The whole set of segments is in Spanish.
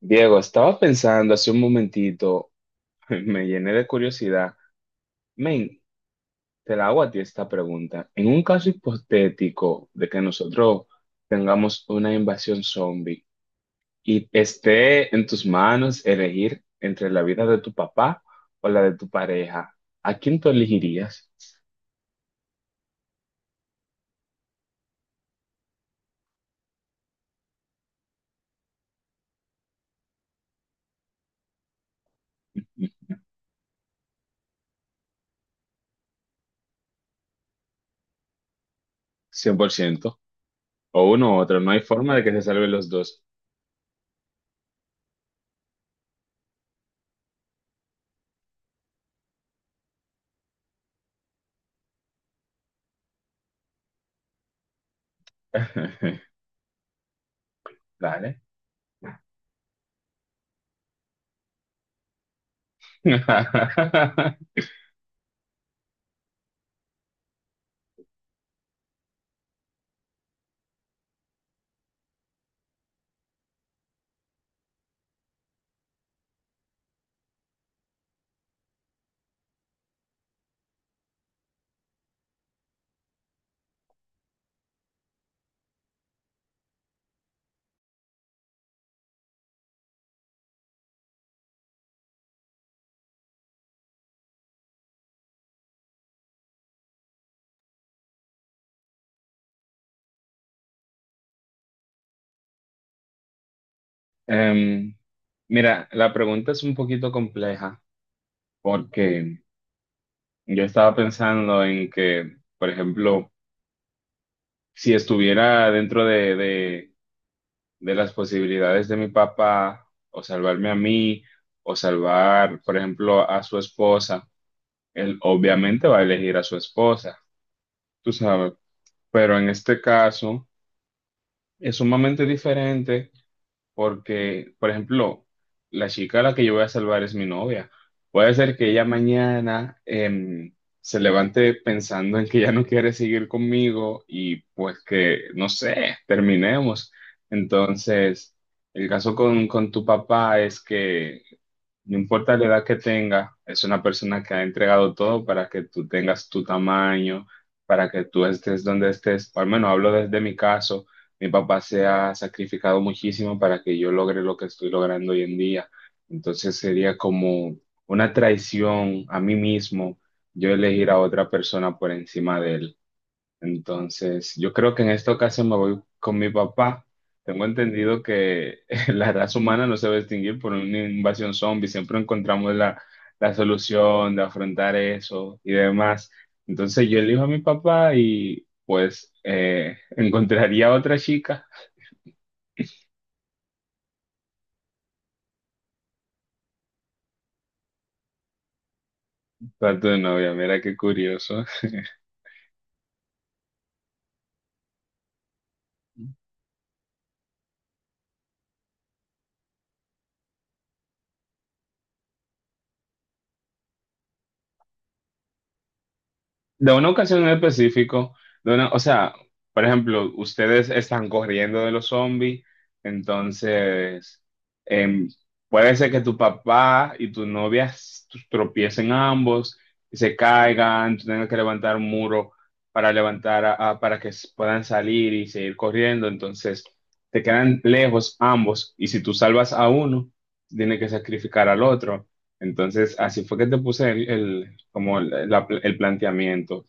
Diego, estaba pensando hace un momentito, me llené de curiosidad. Men, te la hago a ti esta pregunta. En un caso hipotético de que nosotros tengamos una invasión zombie y esté en tus manos elegir entre la vida de tu papá o la de tu pareja, ¿a quién tú elegirías? 100%. O uno u otro, no hay forma de que se salven los dos. Dale. Em, Mira, la pregunta es un poquito compleja porque yo estaba pensando en que, por ejemplo, si estuviera dentro de las posibilidades de mi papá, o salvarme a mí, o salvar, por ejemplo, a su esposa, él obviamente va a elegir a su esposa, tú sabes, pero en este caso es sumamente diferente porque, por ejemplo, la chica a la que yo voy a salvar es mi novia. Puede ser que ella mañana se levante pensando en que ya no quiere seguir conmigo y pues que, no sé, terminemos. Entonces, el caso con tu papá es que no importa la edad que tenga, es una persona que ha entregado todo para que tú tengas tu tamaño, para que tú estés donde estés. Al menos hablo desde mi caso. Mi papá se ha sacrificado muchísimo para que yo logre lo que estoy logrando hoy en día. Entonces sería como una traición a mí mismo yo elegir a otra persona por encima de él. Entonces, yo creo que en esta ocasión me voy con mi papá. Tengo entendido que la raza humana no se va a extinguir por una invasión zombie. Siempre encontramos la solución de afrontar eso y demás. Entonces, yo elijo a mi papá y pues encontraría a otra chica para tu novia. Mira qué curioso. De una ocasión en específico, o sea, por ejemplo, ustedes están corriendo de los zombies, entonces em, puede ser que tu papá y tu novia tropiecen ambos y se caigan, tú tengas que levantar un muro para levantar para que puedan salir y seguir corriendo, entonces te quedan lejos ambos y si tú salvas a uno, tienes que sacrificar al otro. Entonces, así fue que te puse el, como el, el planteamiento.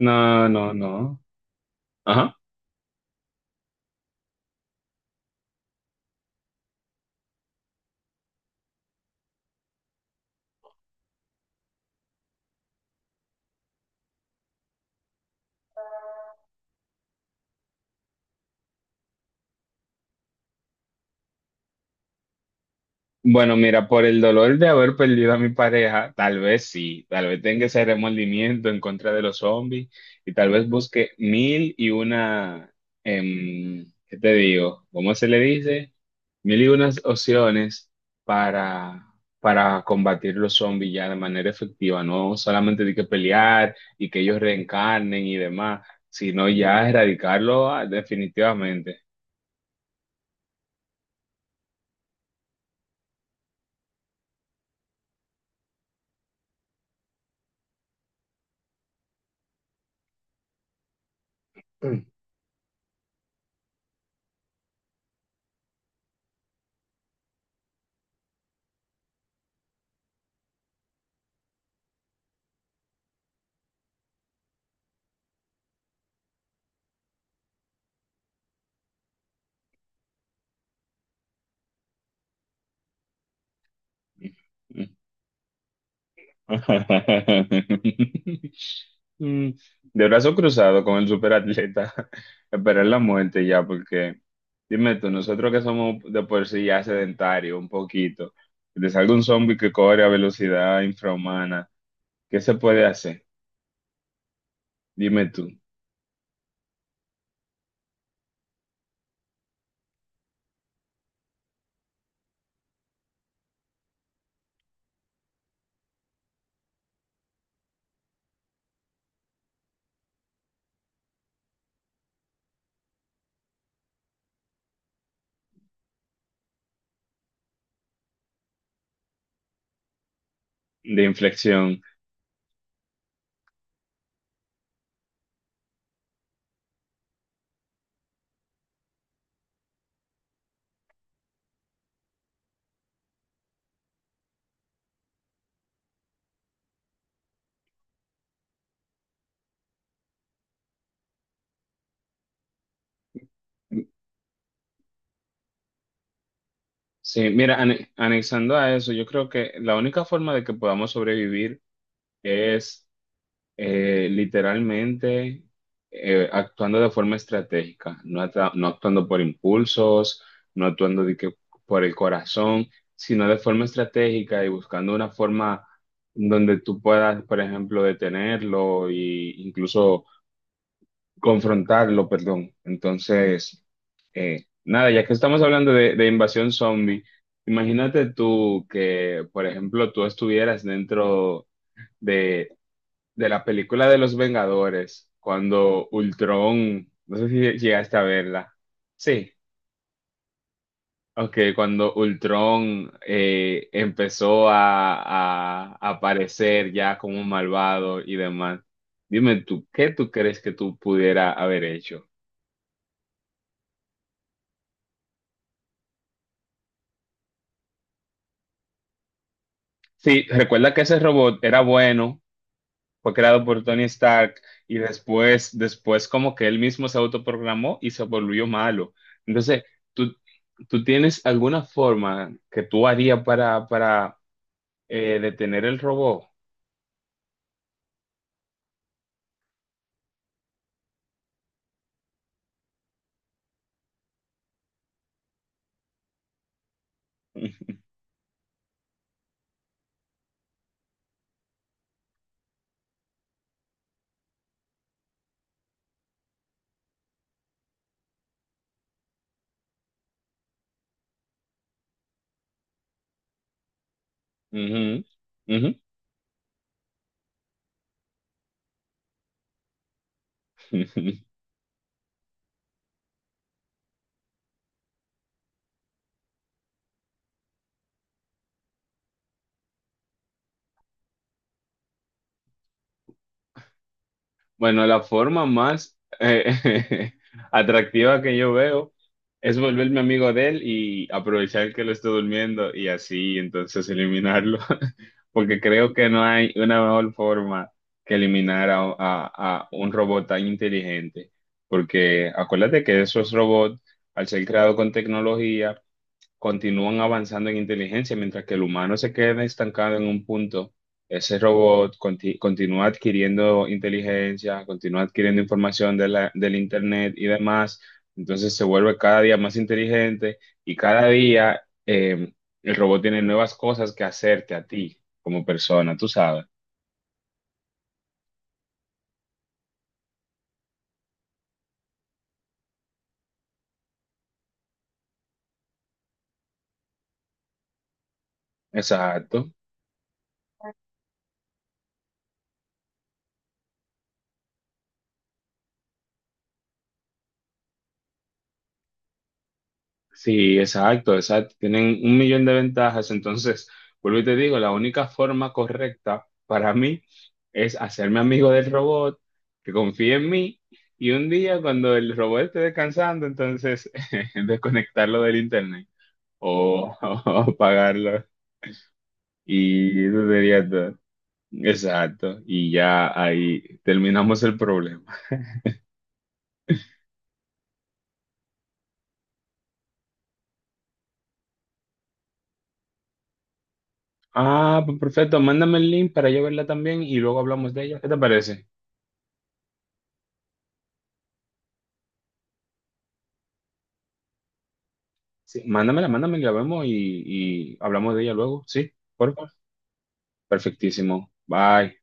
No, no, no. Ajá. Bueno, mira, por el dolor de haber perdido a mi pareja, tal vez sí, tal vez tenga ese remordimiento en contra de los zombies y tal vez busque mil y una, ¿qué te digo? ¿Cómo se le dice? Mil y unas opciones para, para combatir los zombies ya de manera efectiva, no solamente de que pelear y que ellos reencarnen y demás, sino ya erradicarlo definitivamente. Mm. Mm, De brazo cruzado con el superatleta, esperar la muerte ya, porque dime tú, nosotros que somos de por sí ya sedentarios un poquito, que te salga un zombie que corre a velocidad infrahumana, ¿qué se puede hacer? Dime tú, de inflexión. Sí, mira, anexando a eso, yo creo que la única forma de que podamos sobrevivir es literalmente actuando de forma estratégica, no, no actuando por impulsos, no actuando de que por el corazón, sino de forma estratégica y buscando una forma donde tú puedas, por ejemplo, detenerlo e incluso confrontarlo, perdón. Entonces, nada, ya que estamos hablando de invasión zombie, imagínate tú que, por ejemplo, tú estuvieras dentro de la película de los Vengadores, cuando Ultron, no sé si llegaste a verla. Sí, ok, cuando Ultron empezó a aparecer ya como un malvado y demás. Dime tú, ¿qué tú crees que tú pudiera haber hecho? Sí, recuerda que ese robot era bueno, fue creado por Tony Stark y después, después como que él mismo se autoprogramó y se volvió malo. Entonces, tú, ¿tú tienes alguna forma que tú harías para detener el robot? Ujú, ujú. Bueno, la forma más atractiva que yo veo es volverme amigo de él y aprovechar que lo esté durmiendo y así entonces eliminarlo, porque creo que no hay una mejor forma que eliminar a un robot tan inteligente, porque acuérdate que esos robots, al ser creados con tecnología, continúan avanzando en inteligencia, mientras que el humano se queda estancado en un punto. Ese robot continúa adquiriendo inteligencia, continúa adquiriendo información de del Internet y demás. Entonces se vuelve cada día más inteligente y cada día el robot tiene nuevas cosas que hacerte a ti como persona, tú sabes. Exacto. Sí, exacto, exacto. Tienen un millón de ventajas. Entonces, vuelvo y te digo, la única forma correcta para mí es hacerme amigo del robot, que confíe en mí, y un día cuando el robot esté descansando, entonces desconectarlo del internet o, o apagarlo. Y eso sería todo. Exacto. Y ya ahí terminamos el problema. Ah, pues perfecto. Mándame el link para yo verla también y luego hablamos de ella. ¿Qué te parece? Sí, mándamela, mándamela, la vemos y hablamos de ella luego. Sí, por favor. Perfectísimo. Bye.